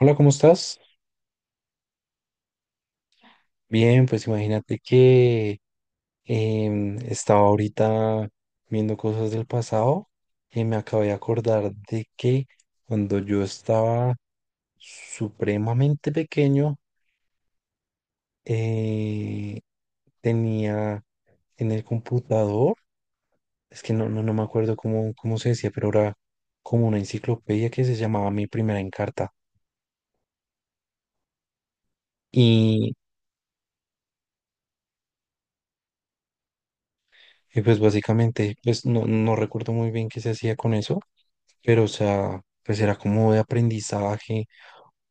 Hola, ¿cómo estás? Bien, pues imagínate que estaba ahorita viendo cosas del pasado y me acabé de acordar de que cuando yo estaba supremamente pequeño eh, tenía en el computador, es que no me acuerdo cómo se decía, pero era como una enciclopedia que se llamaba Mi Primera Encarta. Y pues básicamente, pues no recuerdo muy bien qué se hacía con eso, pero o sea, pues era como de aprendizaje.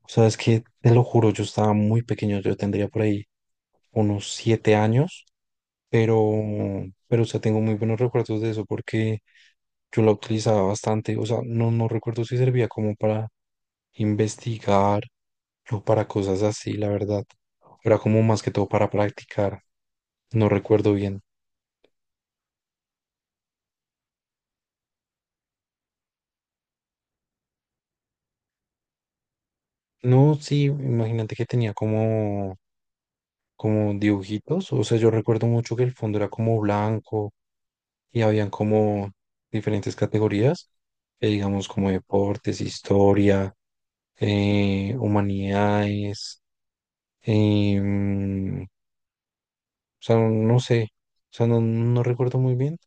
O sea, es que te lo juro, yo estaba muy pequeño, yo tendría por ahí unos 7 años, pero, pero o sea, tengo muy buenos recuerdos de eso porque yo la utilizaba bastante. O sea, no recuerdo si servía como para investigar o para cosas así, la verdad. Era como más que todo para practicar. No recuerdo bien. No, sí, imagínate que tenía como dibujitos, o sea, yo recuerdo mucho que el fondo era como blanco y habían como diferentes categorías, digamos como deportes, historia, humanidades, o sea, no sé, o sea, no recuerdo muy bien,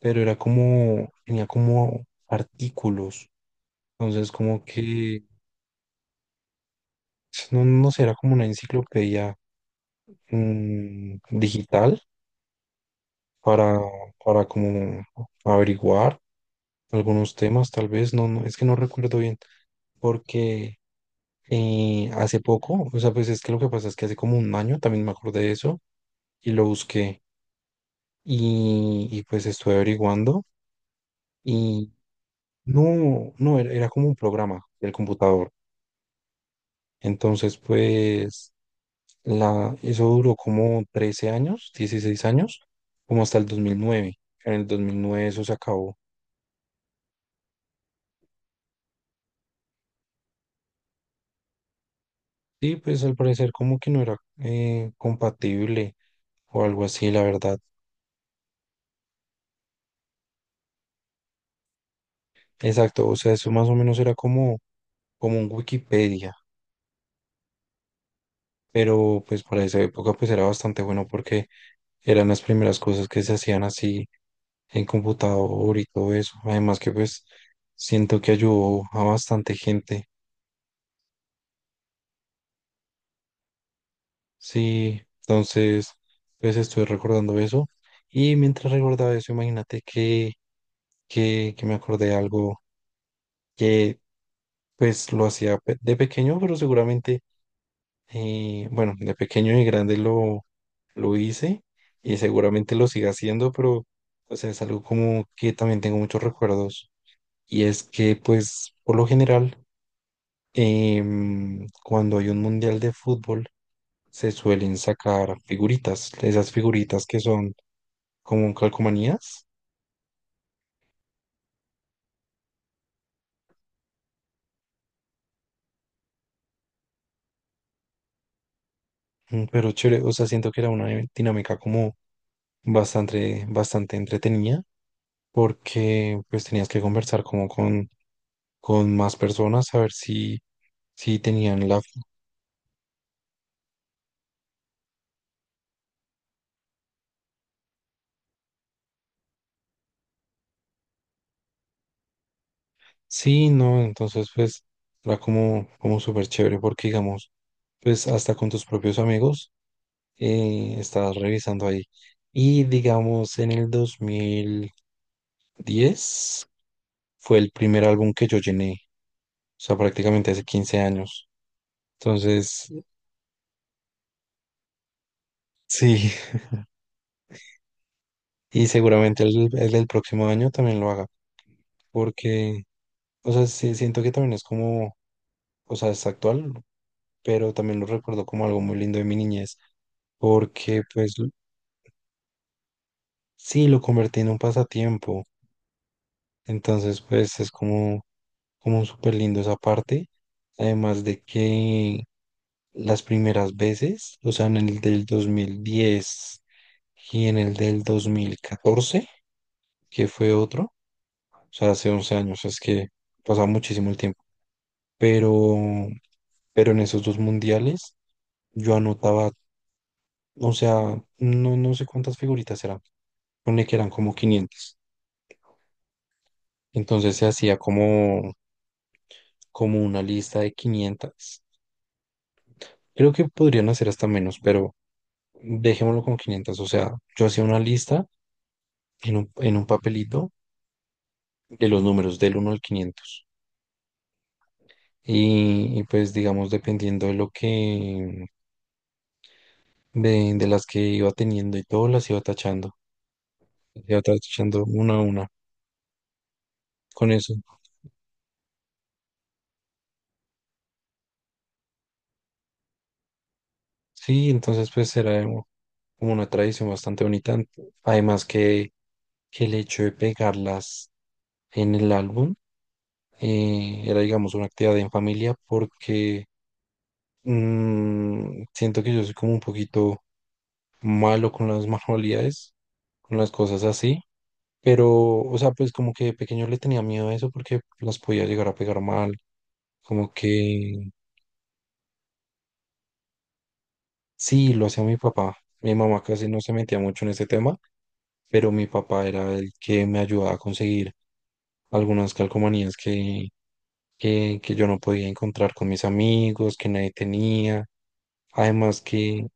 pero era como, tenía como artículos, entonces como que, no sé, era como una enciclopedia, digital para, para como averiguar algunos temas, tal vez, es que no recuerdo bien, porque hace poco, o sea, pues es que lo que pasa es que hace como un año también me acordé de eso y lo busqué y pues estuve averiguando y no, era como un programa del computador. Entonces, pues, eso duró como 13 años, 16 años, como hasta el 2009. En el 2009 eso se acabó. Sí, pues al parecer como que no era compatible o algo así, la verdad. Exacto, o sea, eso más o menos era como un Wikipedia, pero pues para esa época pues era bastante bueno porque eran las primeras cosas que se hacían así en computador y todo eso. Además que pues siento que ayudó a bastante gente. Sí, entonces pues estoy recordando eso. Y mientras recordaba eso, imagínate que me acordé de algo. Pues lo hacía de pequeño, pero seguramente, bueno, de pequeño y grande lo hice y seguramente lo siga haciendo, pero o sea, es algo como que también tengo muchos recuerdos. Y es que, pues, por lo general, cuando hay un mundial de fútbol, se suelen sacar figuritas, esas figuritas que son como calcomanías. Pero chévere, o sea, siento que era una dinámica como bastante, bastante entretenida porque pues tenías que conversar como con más personas a ver si tenían la... Sí, no, entonces pues era como, como súper chévere porque digamos, pues hasta con tus propios amigos estabas revisando ahí. Y digamos, en el 2010 fue el primer álbum que yo llené, o sea, prácticamente hace 15 años. Entonces, sí, y seguramente el del próximo año también lo haga, porque, o sea, sí, siento que también es como o sea, es actual, pero también lo recuerdo como algo muy lindo de mi niñez, porque sí, lo convertí en un pasatiempo, entonces pues es como, como súper lindo esa parte, además de que las primeras veces, o sea, en el del 2010 y en el del 2014, que fue otro, o sea, hace 11 años, es que pasa muchísimo el tiempo, pero, pero en esos dos mundiales yo anotaba... O sea, no sé cuántas figuritas eran, pone que eran como 500. Entonces se hacía como, como una lista de 500. Creo que podrían hacer hasta menos, pero dejémoslo con 500. O sea, yo hacía una lista en un papelito de los números del uno al 500. Y pues digamos, dependiendo de lo que, de las que iba teniendo y todo, las iba tachando. Iba tachando una a una con eso. Sí, entonces pues era como una tradición bastante bonita. Además que, que el hecho de pegarlas en el álbum era, digamos, una actividad en familia porque siento que yo soy como un poquito malo con las manualidades, con las cosas así. Pero, o sea, pues como que de pequeño le tenía miedo a eso porque las podía llegar a pegar mal. Como que sí, lo hacía mi papá. Mi mamá casi no se metía mucho en ese tema, pero mi papá era el que me ayudaba a conseguir algunas calcomanías que yo no podía encontrar con mis amigos, que nadie tenía. Además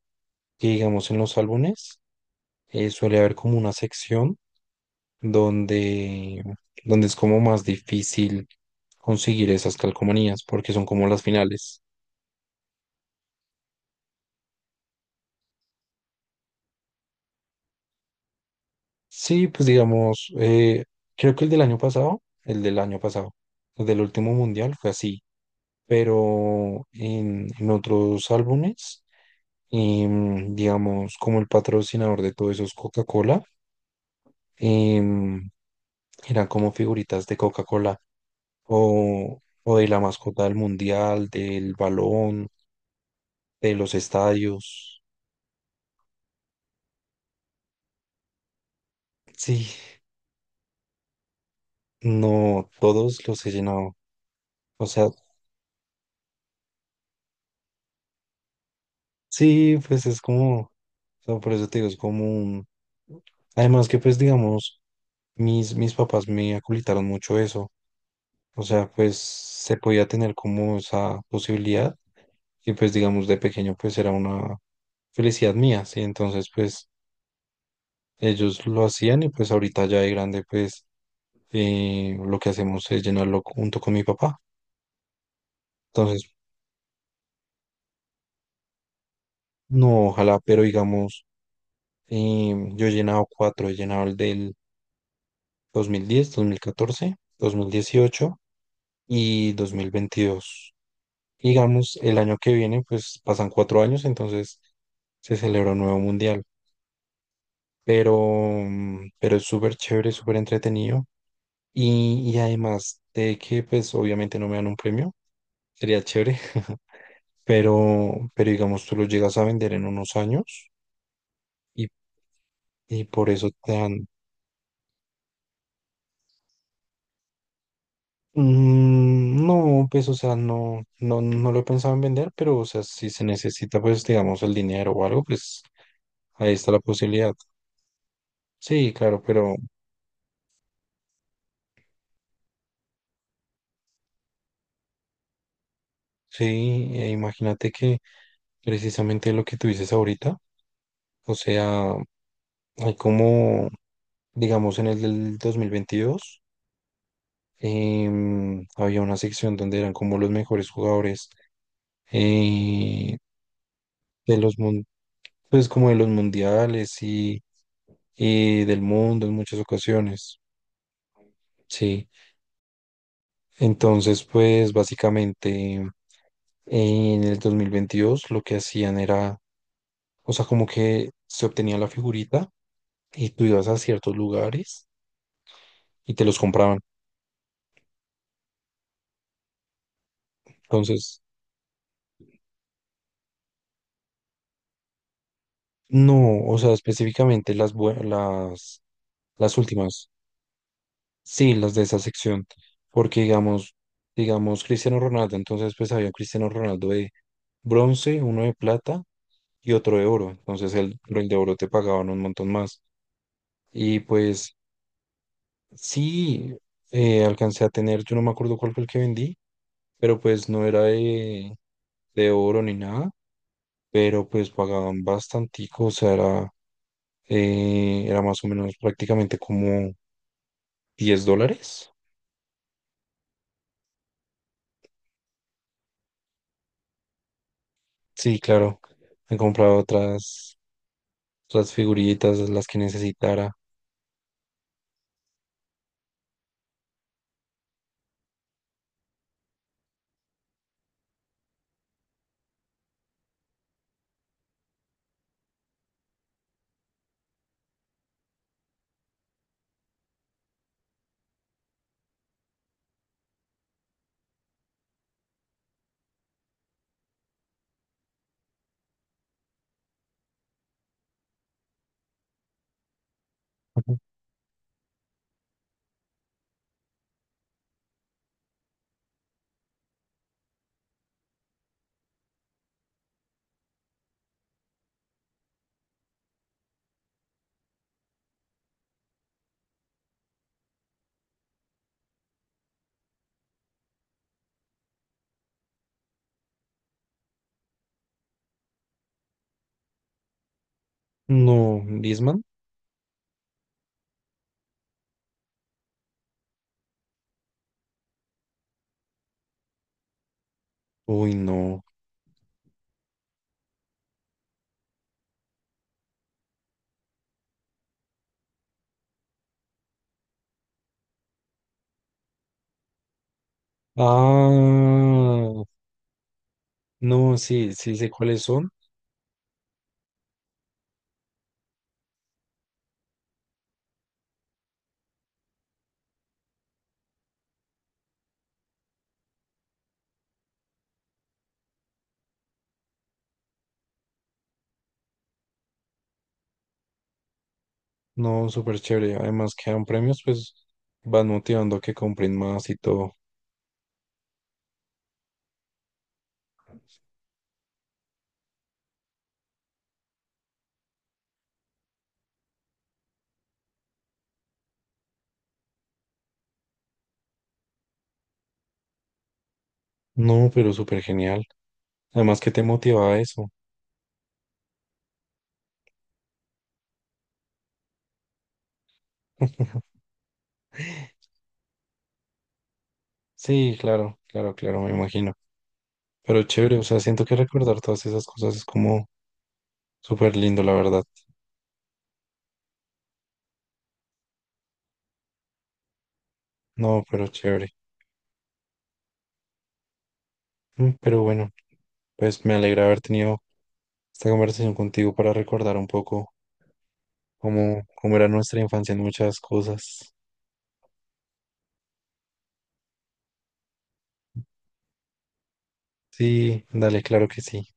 que, digamos, en los álbumes suele haber como una sección donde, donde es como más difícil conseguir esas calcomanías porque son como las finales. Sí, pues digamos, creo que el del año pasado, el del último mundial fue así, pero en otros álbumes, digamos, como el patrocinador de todos esos Coca-Cola, em, eran como figuritas de Coca-Cola. O, o de la mascota del mundial, del balón, de los estadios. Sí, no, todos los he llenado. O sea, sí, pues es como, o sea, por eso te digo, es como un... Además que pues digamos, mis papás me aculitaron mucho eso. O sea, pues se podía tener como esa posibilidad y pues digamos de pequeño pues era una felicidad mía, ¿sí? Entonces pues ellos lo hacían y pues ahorita ya de grande pues lo que hacemos es llenarlo junto con mi papá. Entonces, no, ojalá, pero digamos, yo he llenado cuatro, he llenado el del dos dos mil mil diez, 2014, 2018 y 2022. Digamos, el año que viene, pues pasan 4 años, entonces se celebra un nuevo mundial. Pero, pero es súper chévere, súper entretenido. Y además de que, pues obviamente no me dan un premio, sería chévere, pero digamos, tú lo llegas a vender en unos años. Y, y por eso te dan... Mm, no, pues, o sea, no lo he pensado en vender, pero, o sea, si se necesita, pues, digamos, el dinero o algo, pues, ahí está la posibilidad. Sí, claro, pero sí, imagínate que precisamente lo que tú dices ahorita, o sea, hay como, digamos, en el del 2022, había una sección donde eran como los mejores jugadores eh, de los, pues, como de los mundiales y del mundo en muchas ocasiones, sí. Entonces, pues básicamente en el 2022 lo que hacían era, o sea, como que se obtenía la figurita y tú ibas a ciertos lugares y te los compraban. Entonces, no, o sea, específicamente las, las últimas, sí, las de esa sección, porque digamos, digamos Cristiano Ronaldo, entonces pues había un Cristiano Ronaldo de bronce, uno de plata y otro de oro. Entonces el, pero el de oro te pagaban un montón más. Y pues sí, alcancé a tener, yo no me acuerdo cuál fue el que vendí, pero pues no era de oro ni nada, pero pues pagaban bastantico, o sea, era, era más o menos prácticamente como $10. Sí, claro, he comprado otras, otras figuritas, las que necesitara. Ujú. No, Disman. Uy, no. Ah, no, sí, sí sé cuáles son. No, súper chévere. Además que dan premios, pues van motivando a que compren más y todo. No, pero súper genial. Además que te motiva a eso. Sí, claro, claro, claro, me imagino. Pero chévere, o sea, siento que recordar todas esas cosas es como súper lindo, la verdad. No, pero chévere. Mm, pero bueno, pues me alegra haber tenido esta conversación contigo para recordar un poco cómo, cómo era nuestra infancia en muchas cosas. Sí, dale, claro que sí.